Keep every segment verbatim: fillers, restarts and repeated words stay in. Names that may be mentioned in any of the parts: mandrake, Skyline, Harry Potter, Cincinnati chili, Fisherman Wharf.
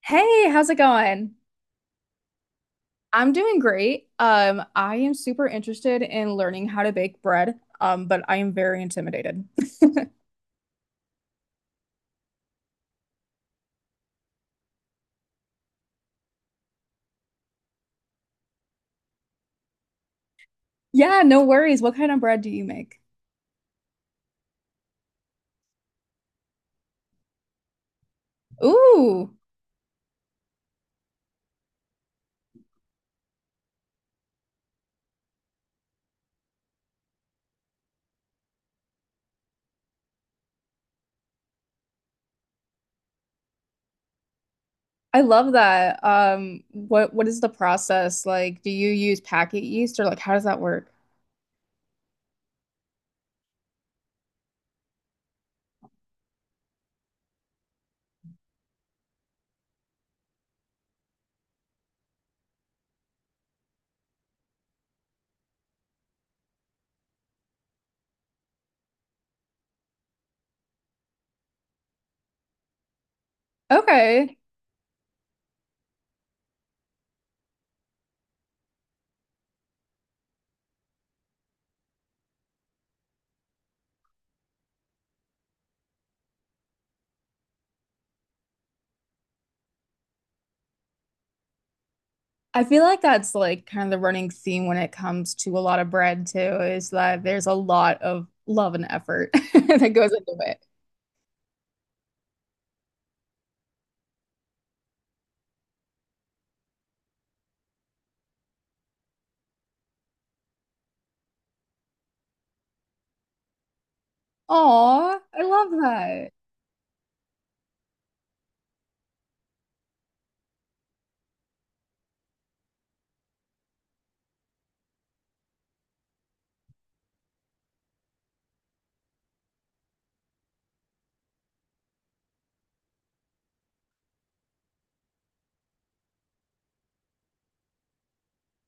Hey, how's it going? I'm doing great. Um, I am super interested in learning how to bake bread, um, but I am very intimidated. Yeah, no worries. What kind of bread do you make? Ooh, I love that. Um, what what is the process like? Do you use packet yeast or like how does that work? Okay. I feel like that's like kind of the running theme when it comes to a lot of bread too, is that there's a lot of love and effort that goes into it. Aw, I love that.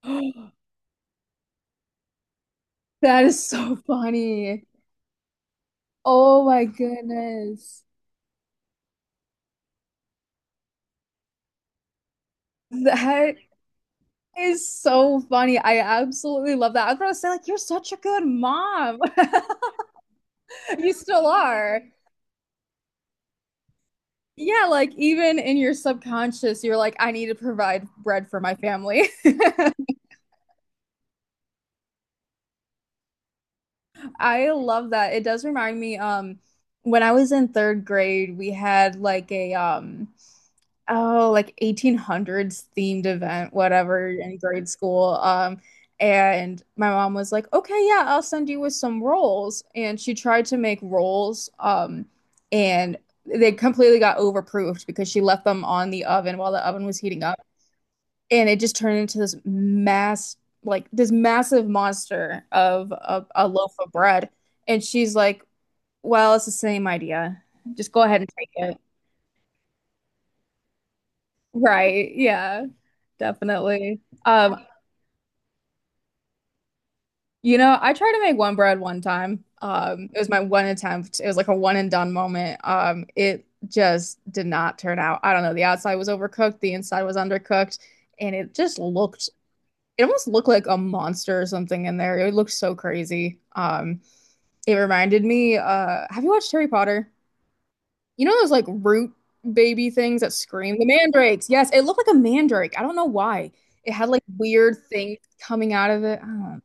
That is so funny. Oh my goodness. That is so funny. I absolutely love that. I was gonna say, like, you're such a good mom. You still are. Yeah, like even in your subconscious, you're like, I need to provide bread for my family. I love that. It does remind me, um, when I was in third grade, we had like a um oh like eighteen hundreds themed event, whatever, in grade school. Um, and my mom was like, "Okay, yeah, I'll send you with some rolls." And she tried to make rolls, um, and they completely got overproofed because she left them on the oven while the oven was heating up, and it just turned into this mass, like this massive monster of a, a loaf of bread. And she's like, well, it's the same idea, just go ahead and take it. Right, yeah, definitely. um you know, I tried to make one bread one time. Um it was my one attempt. It was like a one and done moment. Um it just did not turn out. I don't know, the outside was overcooked, the inside was undercooked, and it just looked, it almost looked like a monster or something in there. It looked so crazy. um It reminded me, uh, have you watched Harry Potter? You know those like root baby things that scream? The mandrakes. Yes, it looked like a mandrake. I don't know why. It had like weird things coming out of it. I don't know.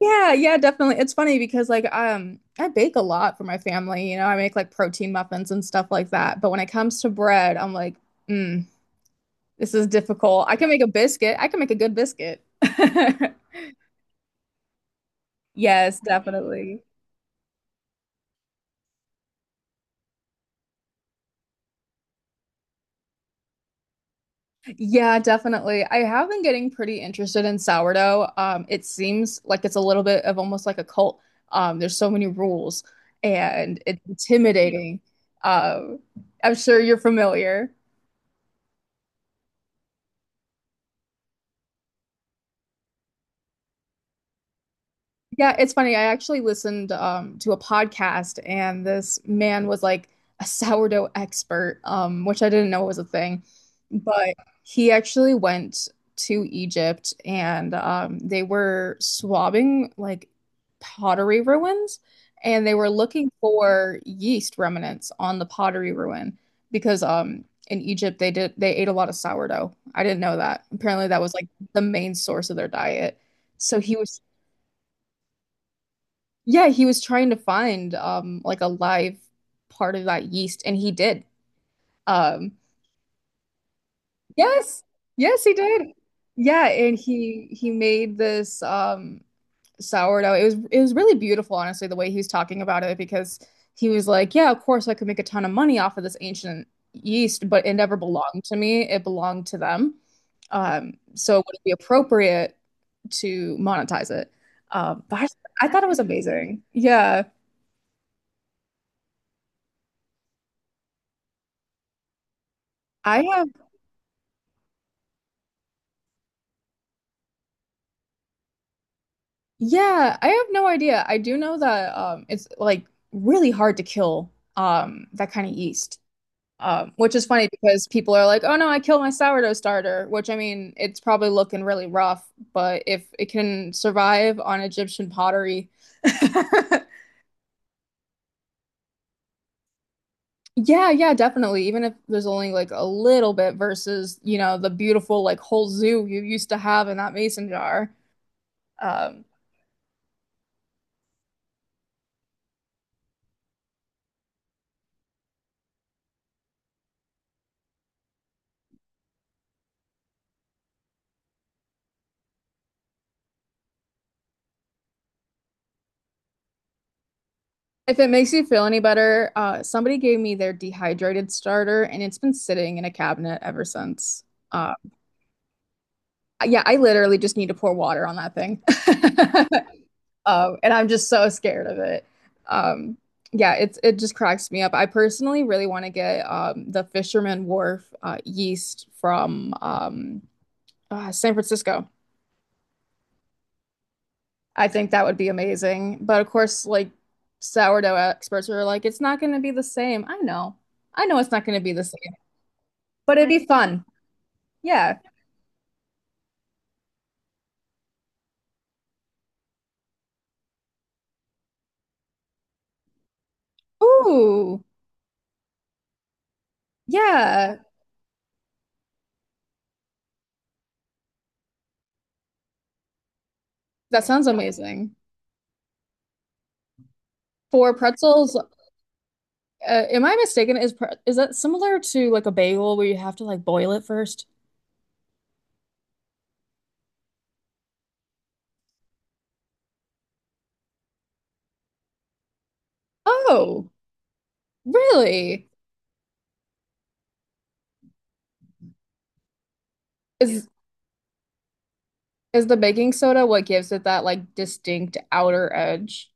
Yeah, yeah, definitely. It's funny because like um I bake a lot for my family, you know, I make like protein muffins and stuff like that. But when it comes to bread, I'm like, mm, this is difficult. I can make a biscuit. I can make a good biscuit. Yes, definitely. Yeah, definitely. I have been getting pretty interested in sourdough. Um, it seems like it's a little bit of almost like a cult. Um, there's so many rules and it's Yeah. intimidating. Um, I'm sure you're familiar. Yeah, it's funny. I actually listened um, to a podcast, and this man was like a sourdough expert, um, which I didn't know was a thing. But he actually went to Egypt, and um, they were swabbing like pottery ruins, and they were looking for yeast remnants on the pottery ruin because um, in Egypt they did they ate a lot of sourdough. I didn't know that. Apparently, that was like the main source of their diet. So he was, yeah, he was trying to find um like a live part of that yeast, and he did. Um yes. Yes, he did. Yeah, and he he made this um sourdough. It was it was really beautiful, honestly, the way he was talking about it, because he was like, yeah, of course I could make a ton of money off of this ancient yeast, but it never belonged to me. It belonged to them. Um, so it would be appropriate to monetize it. Um but I, I thought it was amazing. Yeah. I Yeah, I have no idea. I do know that um it's like really hard to kill um that kind of yeast. Um, which is funny because people are like, "Oh no, I killed my sourdough starter," which I mean, it's probably looking really rough, but if it can survive on Egyptian pottery. Yeah, yeah, definitely. Even if there's only like a little bit versus, you know, the beautiful like whole zoo you used to have in that mason jar. Um, if it makes you feel any better, uh, somebody gave me their dehydrated starter, and it's been sitting in a cabinet ever since. Uh, yeah, I literally just need to pour water on that thing. Um, and I'm just so scared of it. Um, yeah, it's it just cracks me up. I personally really want to get um, the Fisherman Wharf uh, yeast from um, uh, San Francisco. I think that would be amazing. But of course, like sourdough experts are like, it's not going to be the same. I know. I know it's not going to be the same. But it'd be fun. Yeah. Ooh, yeah. That sounds amazing. For pretzels, uh, am I mistaken? Is pre is that similar to like a bagel where you have to like boil it first? Oh, really? Is is the baking soda what gives it that like distinct outer edge?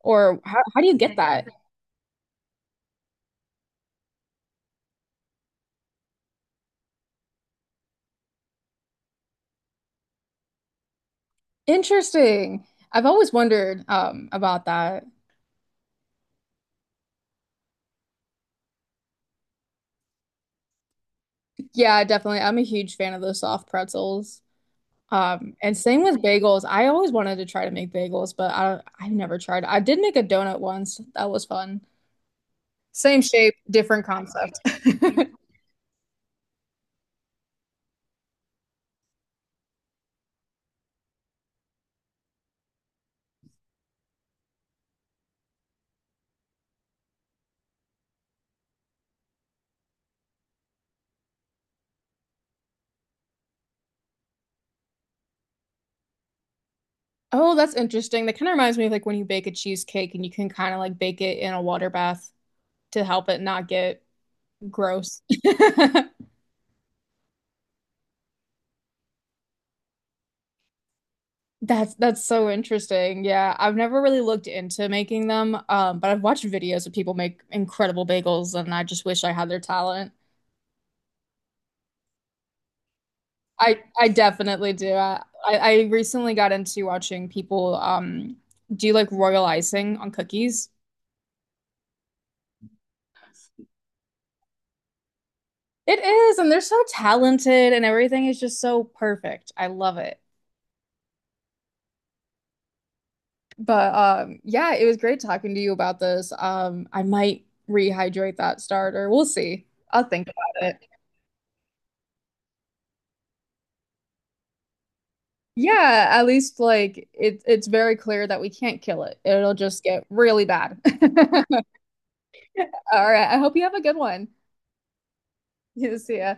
Or how how do you get that? Interesting. I've always wondered um about that. Yeah, definitely. I'm a huge fan of those soft pretzels. Um, and same with bagels. I always wanted to try to make bagels, but I i never tried. I did make a donut once. That was fun. Same shape, different concept. Oh, that's interesting. That kind of reminds me of like when you bake a cheesecake and you can kind of like bake it in a water bath to help it not get gross. That's that's so interesting. Yeah, I've never really looked into making them, um, but I've watched videos of people make incredible bagels, and I just wish I had their talent. I I definitely do. I, I I recently got into watching people um do like royal icing on cookies. It is, and they're so talented and everything is just so perfect. I love it. But um yeah, it was great talking to you about this. Um, I might rehydrate that starter. We'll see. I'll think about it. Yeah, at least like it it's very clear that we can't kill it. It'll just get really bad. All right. I hope you have a good one. See ya.